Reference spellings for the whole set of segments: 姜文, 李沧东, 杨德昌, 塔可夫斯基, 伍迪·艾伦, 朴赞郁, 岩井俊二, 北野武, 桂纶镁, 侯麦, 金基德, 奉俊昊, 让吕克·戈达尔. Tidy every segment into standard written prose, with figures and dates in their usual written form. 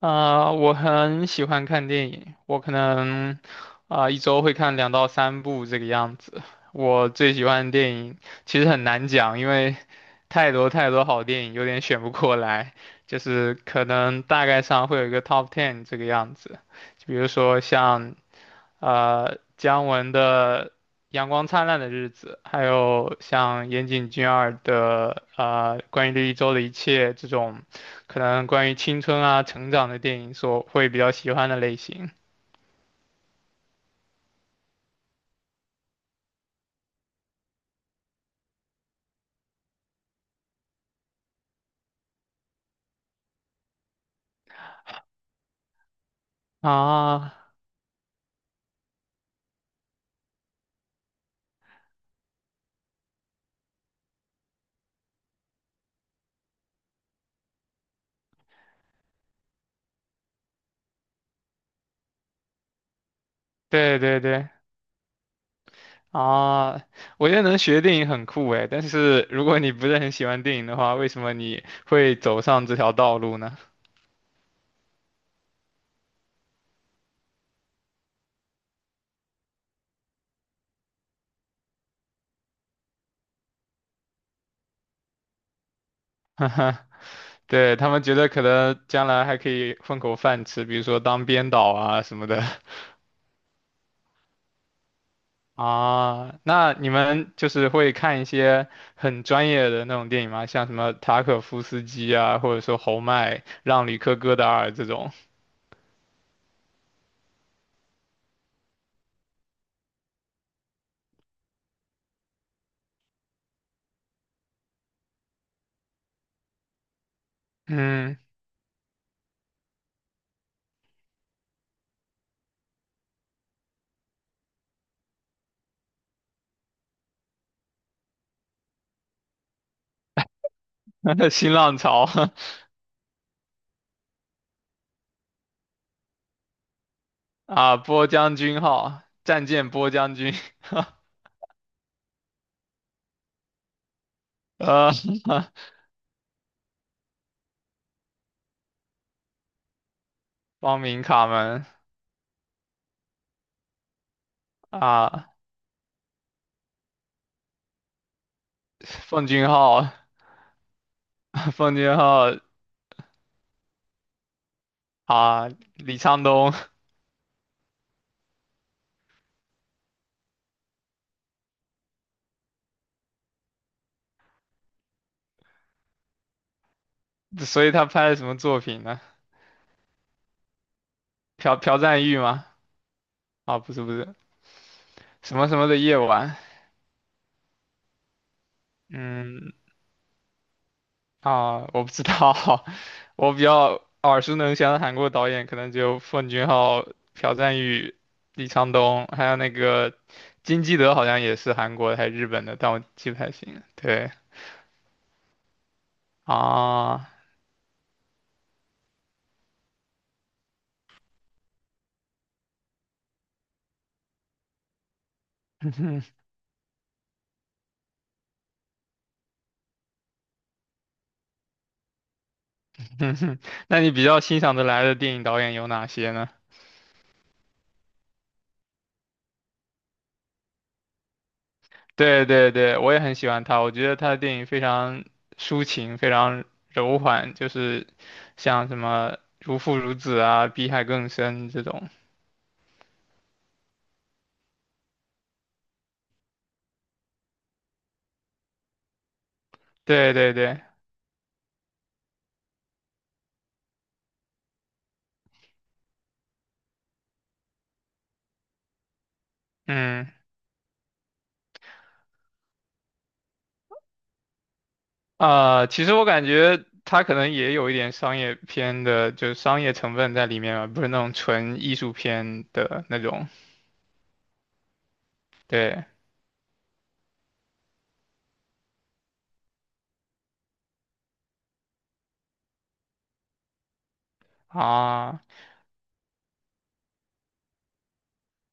我很喜欢看电影，我可能一周会看两到三部这个样子。我最喜欢的电影其实很难讲，因为太多太多好电影，有点选不过来。就是可能大概上会有一个 top ten 这个样子，就比如说像姜文的《阳光灿烂的日子》，还有像岩井俊二的关于这一周的一切这种，可能关于青春啊成长的电影所会比较喜欢的类型啊。对对对啊，我觉得能学电影很酷诶，但是如果你不是很喜欢电影的话，为什么你会走上这条道路呢？对，他们觉得可能将来还可以混口饭吃，比如说当编导啊什么的。啊，那你们就是会看一些很专业的那种电影吗？像什么塔可夫斯基啊，或者说侯麦、让吕克·戈达尔这种。嗯，新浪潮 啊，波将军号、战舰波将军，呃，光明卡门啊，奉俊昊、奉俊昊啊，李沧东，所以他拍了什么作品呢？朴赞郁吗？啊，不是不是，什么什么的夜晚。嗯，啊，我不知道，我比较耳熟能详的韩国导演可能就奉俊昊、朴赞郁、李沧东，还有那个金基德，好像也是韩国的还是日本的，但我记不太清了。对啊，那你比较欣赏的来的电影导演有哪些呢？对对对，我也很喜欢他，我觉得他的电影非常抒情，非常柔缓，就是像什么《如父如子》啊，《比海更深》这种。对对对。嗯。啊、其实我感觉他可能也有一点商业片的，就是商业成分在里面嘛，不是那种纯艺术片的那种。对啊，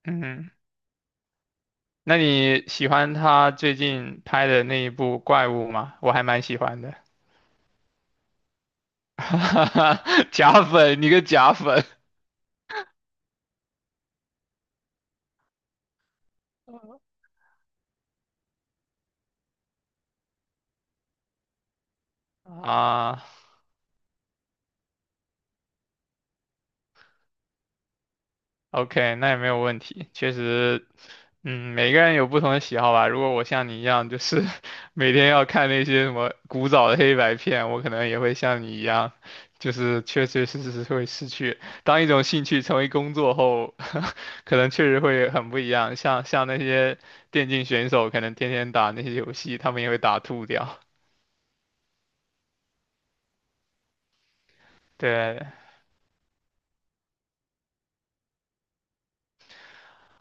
嗯，那你喜欢他最近拍的那一部《怪物》吗？我还蛮喜欢的，假粉，你个假粉啊！OK，那也没有问题。确实，嗯，每个人有不同的喜好吧。如果我像你一样，就是 每天要看那些什么古早的黑白片，我可能也会像你一样，就是确确实实会失去。当一种兴趣成为工作后，可能确实会很不一样。像那些电竞选手，可能天天打那些游戏，他们也会打吐掉。对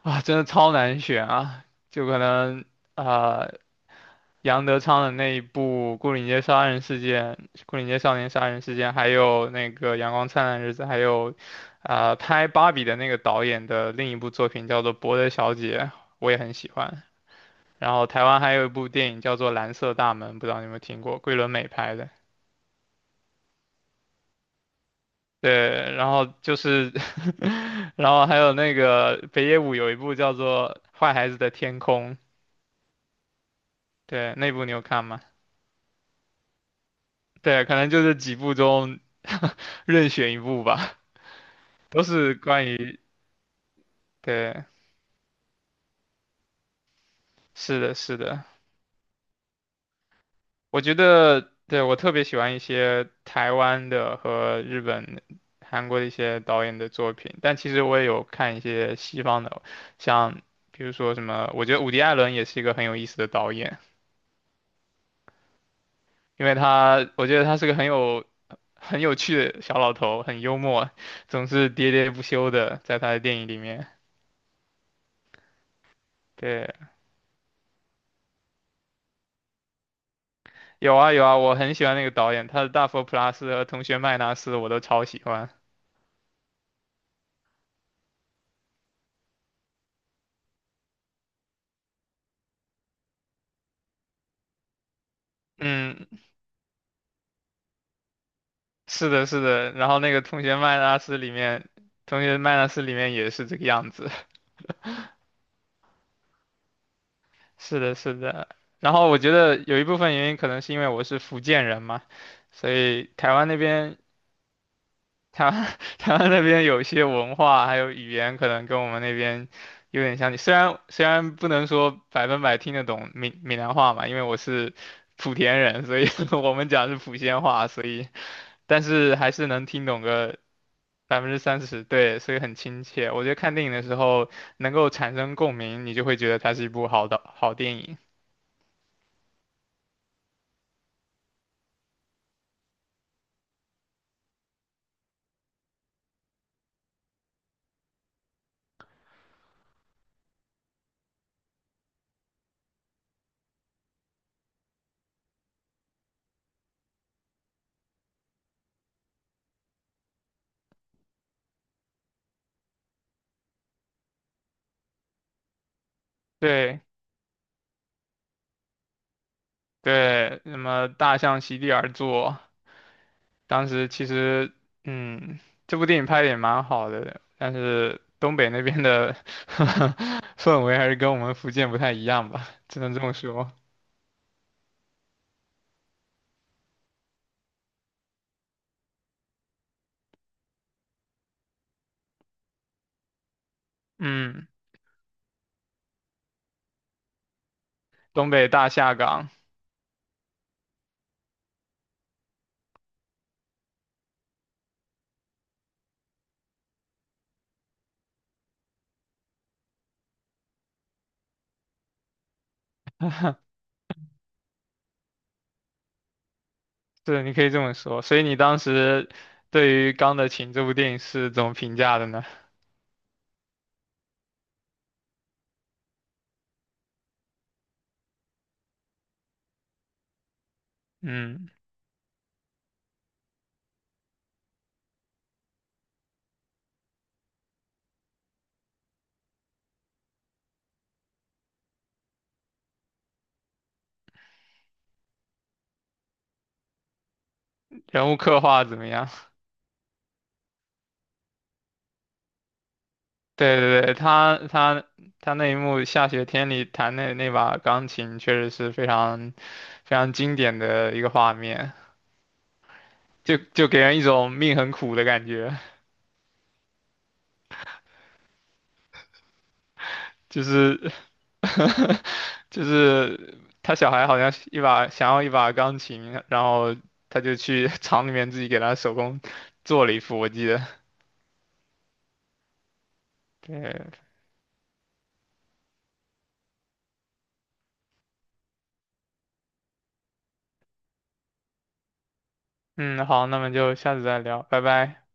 啊，真的超难选啊，就可能啊。杨德昌的那一部《牯岭街杀人事件》《牯岭街少年杀人事件》，还有那个《阳光灿烂的日子》，还有，呃，拍《芭比》的那个导演的另一部作品叫做《伯德小姐》，我也很喜欢。然后台湾还有一部电影叫做《蓝色大门》，不知道你有没有听过，桂纶镁拍的。对，然后就是 然后还有那个北野武有一部叫做《坏孩子的天空》，对，那部你有看吗？对，可能就是几部中任选一部吧，都是关于对，是的，是的，我觉得，对，我特别喜欢一些台湾的和日本、韩国的一些导演的作品，但其实我也有看一些西方的，像比如说什么，我觉得伍迪·艾伦也是一个很有意思的导演，因为他，我觉得他是个很有很有趣的小老头，很幽默，总是喋喋不休的，在他的电影里面。对，有啊有啊，我很喜欢那个导演，他的《大佛普拉斯》和《同学麦纳斯》我都超喜欢。嗯，是的，是的，然后那个同学麦纳斯里面，同学麦纳斯里面也是这个样子。是的，是的。然后我觉得有一部分原因可能是因为我是福建人嘛，所以台湾那边，台湾 台湾那边有一些文化还有语言可能跟我们那边有点像。虽然不能说百分百听得懂闽南话嘛，因为我是莆田人，所以 我们讲是莆仙话，所以但是还是能听懂个30%，对，所以很亲切。我觉得看电影的时候能够产生共鸣，你就会觉得它是一部好电影。对对，那么《大象席地而坐》，当时其实，嗯，这部电影拍的也蛮好的，但是东北那边的 氛围还是跟我们福建不太一样吧，只能这么说。嗯，东北大下岗，对，你可以这么说。所以你当时对于《钢的琴》这部电影是怎么评价的呢？嗯。人物刻画怎么样？对对对，他那一幕下雪天里弹那把钢琴，确实是非常非常经典的一个画面，就给人一种命很苦的感觉，就是 就是他小孩好像是一把想要一把钢琴，然后他就去 厂里面自己给他手工做了一副，我记得。对，嗯，好，那么就下次再聊，拜拜。